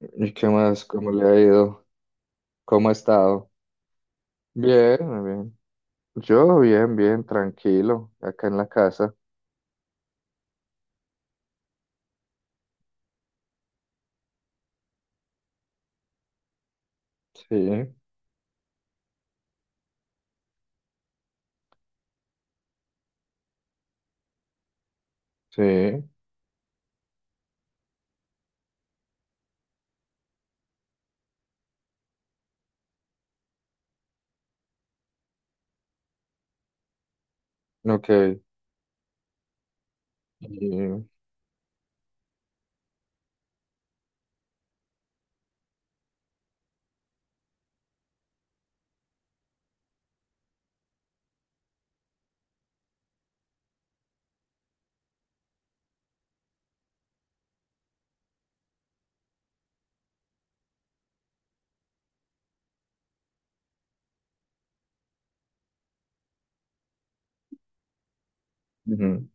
¿Y qué más? ¿Cómo le ha ido? ¿Cómo ha estado? Bien, muy bien. Yo bien, bien, tranquilo, acá en la casa. Sí, sí, ok. Y, ujú,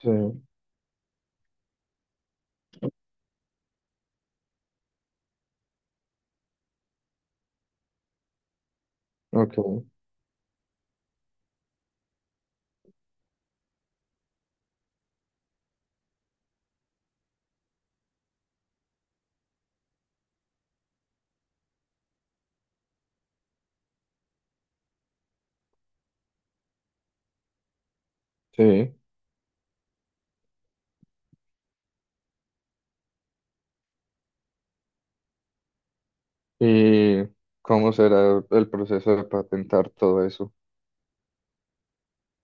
sí, ok, sí. ¿Y cómo será el proceso de patentar todo eso?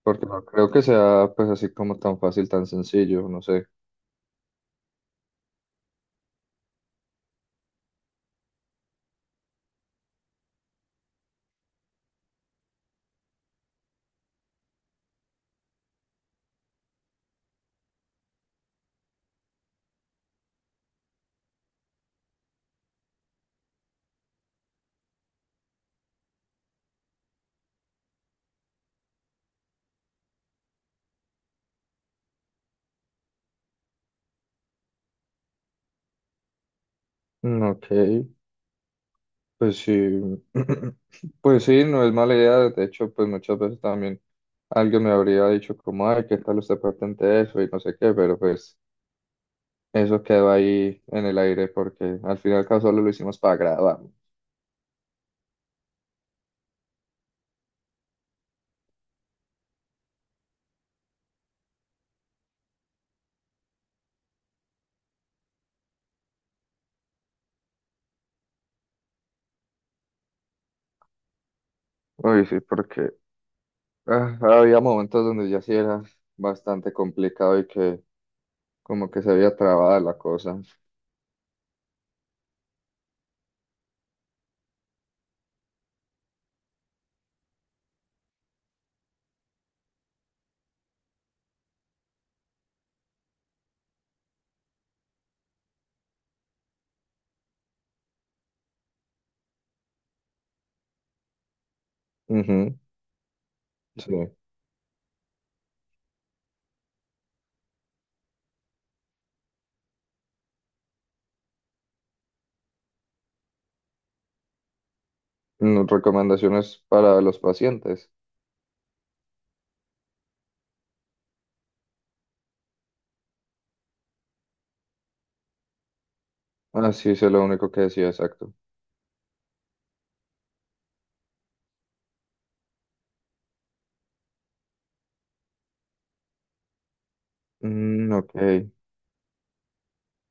Porque no creo que sea pues así como tan fácil, tan sencillo, no sé. Mm, ok, pues sí, pues sí, no es mala idea. De hecho, pues muchas veces también alguien me habría dicho como, ay, ¿qué tal usted patente eso? Y no sé qué, pero pues eso quedó ahí en el aire porque al final y al cabo solo lo hicimos para grabar. Uy, sí, porque ah, había momentos donde ya sí era bastante complicado y que como que se había trabada la cosa. Ujú, sí. Mm. Recomendaciones para los pacientes. Ah, sí, eso es lo único que decía, exacto. Mm, ok.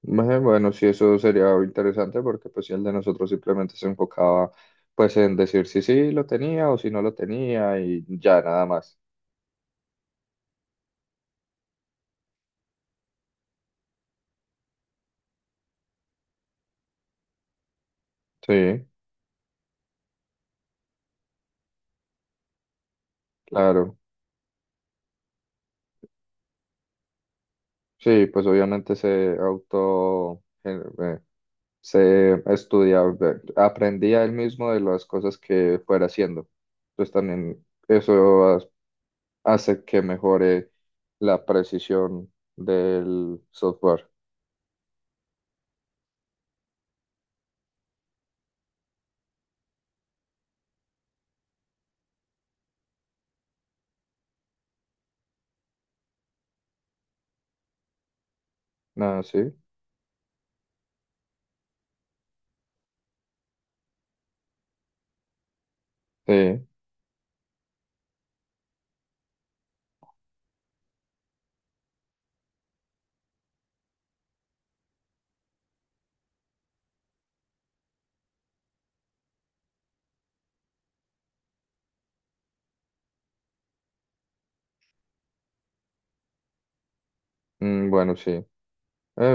Ve, bueno, sí, eso sería interesante porque pues si el de nosotros simplemente se enfocaba pues en decir si sí lo tenía o si no lo tenía y ya nada más. Sí, claro. Sí, pues obviamente se auto, se estudiaba, aprendía él mismo de las cosas que fuera haciendo. Entonces también eso hace que mejore la precisión del software. No, sí, sí, mm, bueno, sí.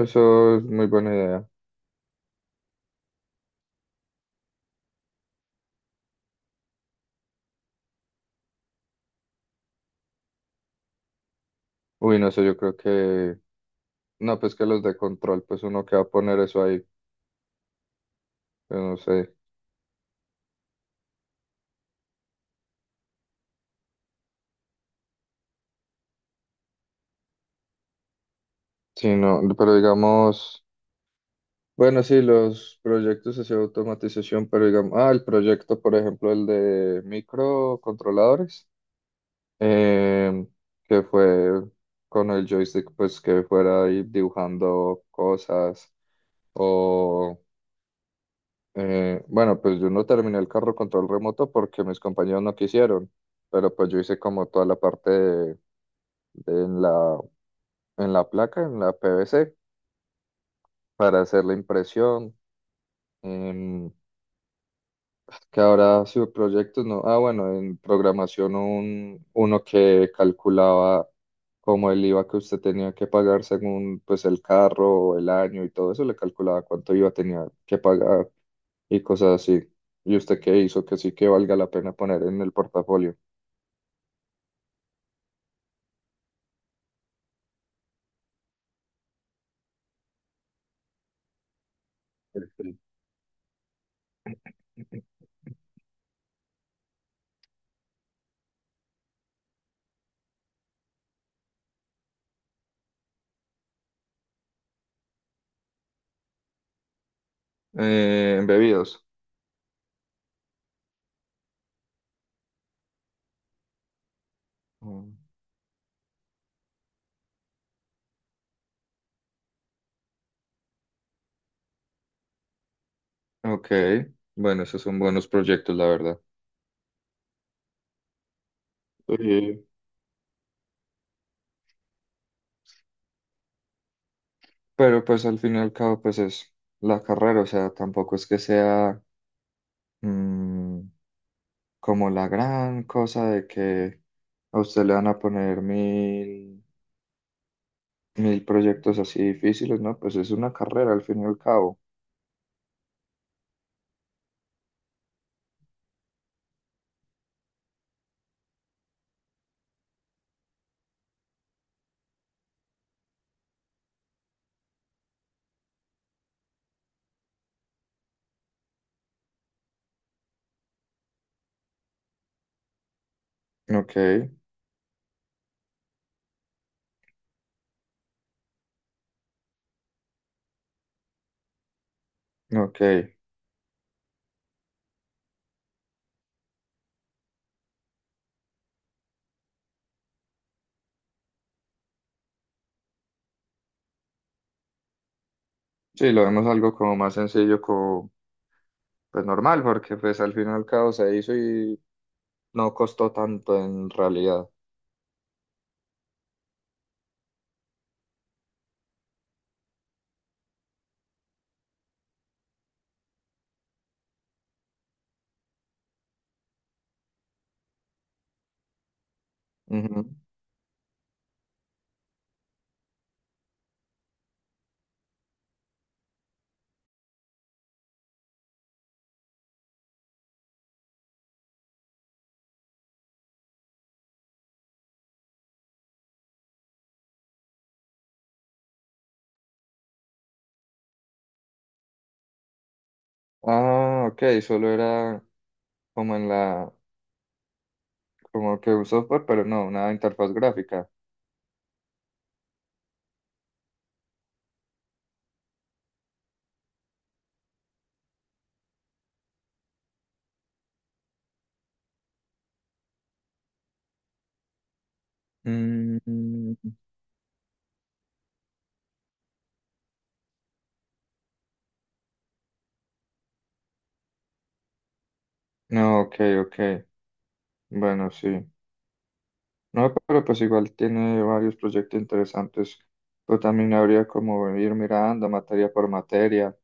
Eso es muy buena idea. Uy, no sé, yo creo que... No, pues que los de control, pues uno que va a poner eso ahí, pues no sé. Sí, no, pero digamos... Bueno, sí, los proyectos así de automatización, pero digamos... Ah, el proyecto, por ejemplo, el de microcontroladores, eh, que fue con el joystick, pues que fuera ahí dibujando cosas o... bueno, pues yo no terminé el carro control remoto porque mis compañeros no quisieron, pero pues yo hice como toda la parte de en la placa, en la PVC, para hacer la impresión. em, que ahora proyectos no. Ah, bueno, en programación uno que calculaba como el IVA que usted tenía que pagar según pues el carro o el año y todo eso, le calculaba cuánto IVA tenía que pagar y cosas así. ¿Y usted qué hizo? Que sí que valga la pena poner en el portafolio. Perfecto. En bebidos. Mm. Ok, bueno, esos son buenos proyectos, la verdad. Pero pues al fin y al cabo pues es la carrera, o sea, tampoco es que sea mm, como la gran cosa de que a usted le van a poner mil, mil proyectos así difíciles, ¿no? Pues es una carrera al fin y al cabo. Ok, ok. Sí, lo vemos algo como más sencillo, como pues normal, porque pues al fin y al cabo se hizo y no costó tanto en realidad. Ujú. Ah, ok, solo era como en la como que un software, pero no, una interfaz gráfica. Mm, no, ok, ok. Bueno, sí. No, pero pues igual tiene varios proyectos interesantes. Pero también habría como ir mirando materia por materia,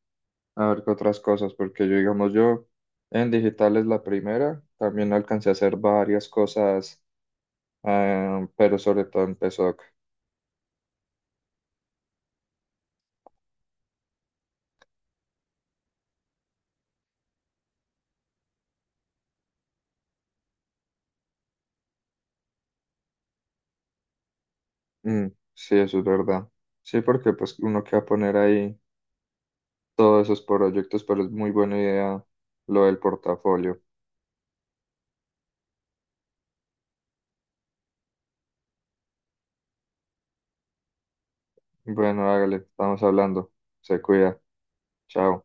a ver qué otras cosas, porque yo, digamos, yo en digital es la primera, también alcancé a hacer varias cosas, pero sobre todo en PSOC. Mm, sí, eso es verdad. Sí, porque pues uno que va a poner ahí, todos esos proyectos, pero es muy buena idea lo del portafolio. Bueno, hágale, estamos hablando. Se cuida. Chao.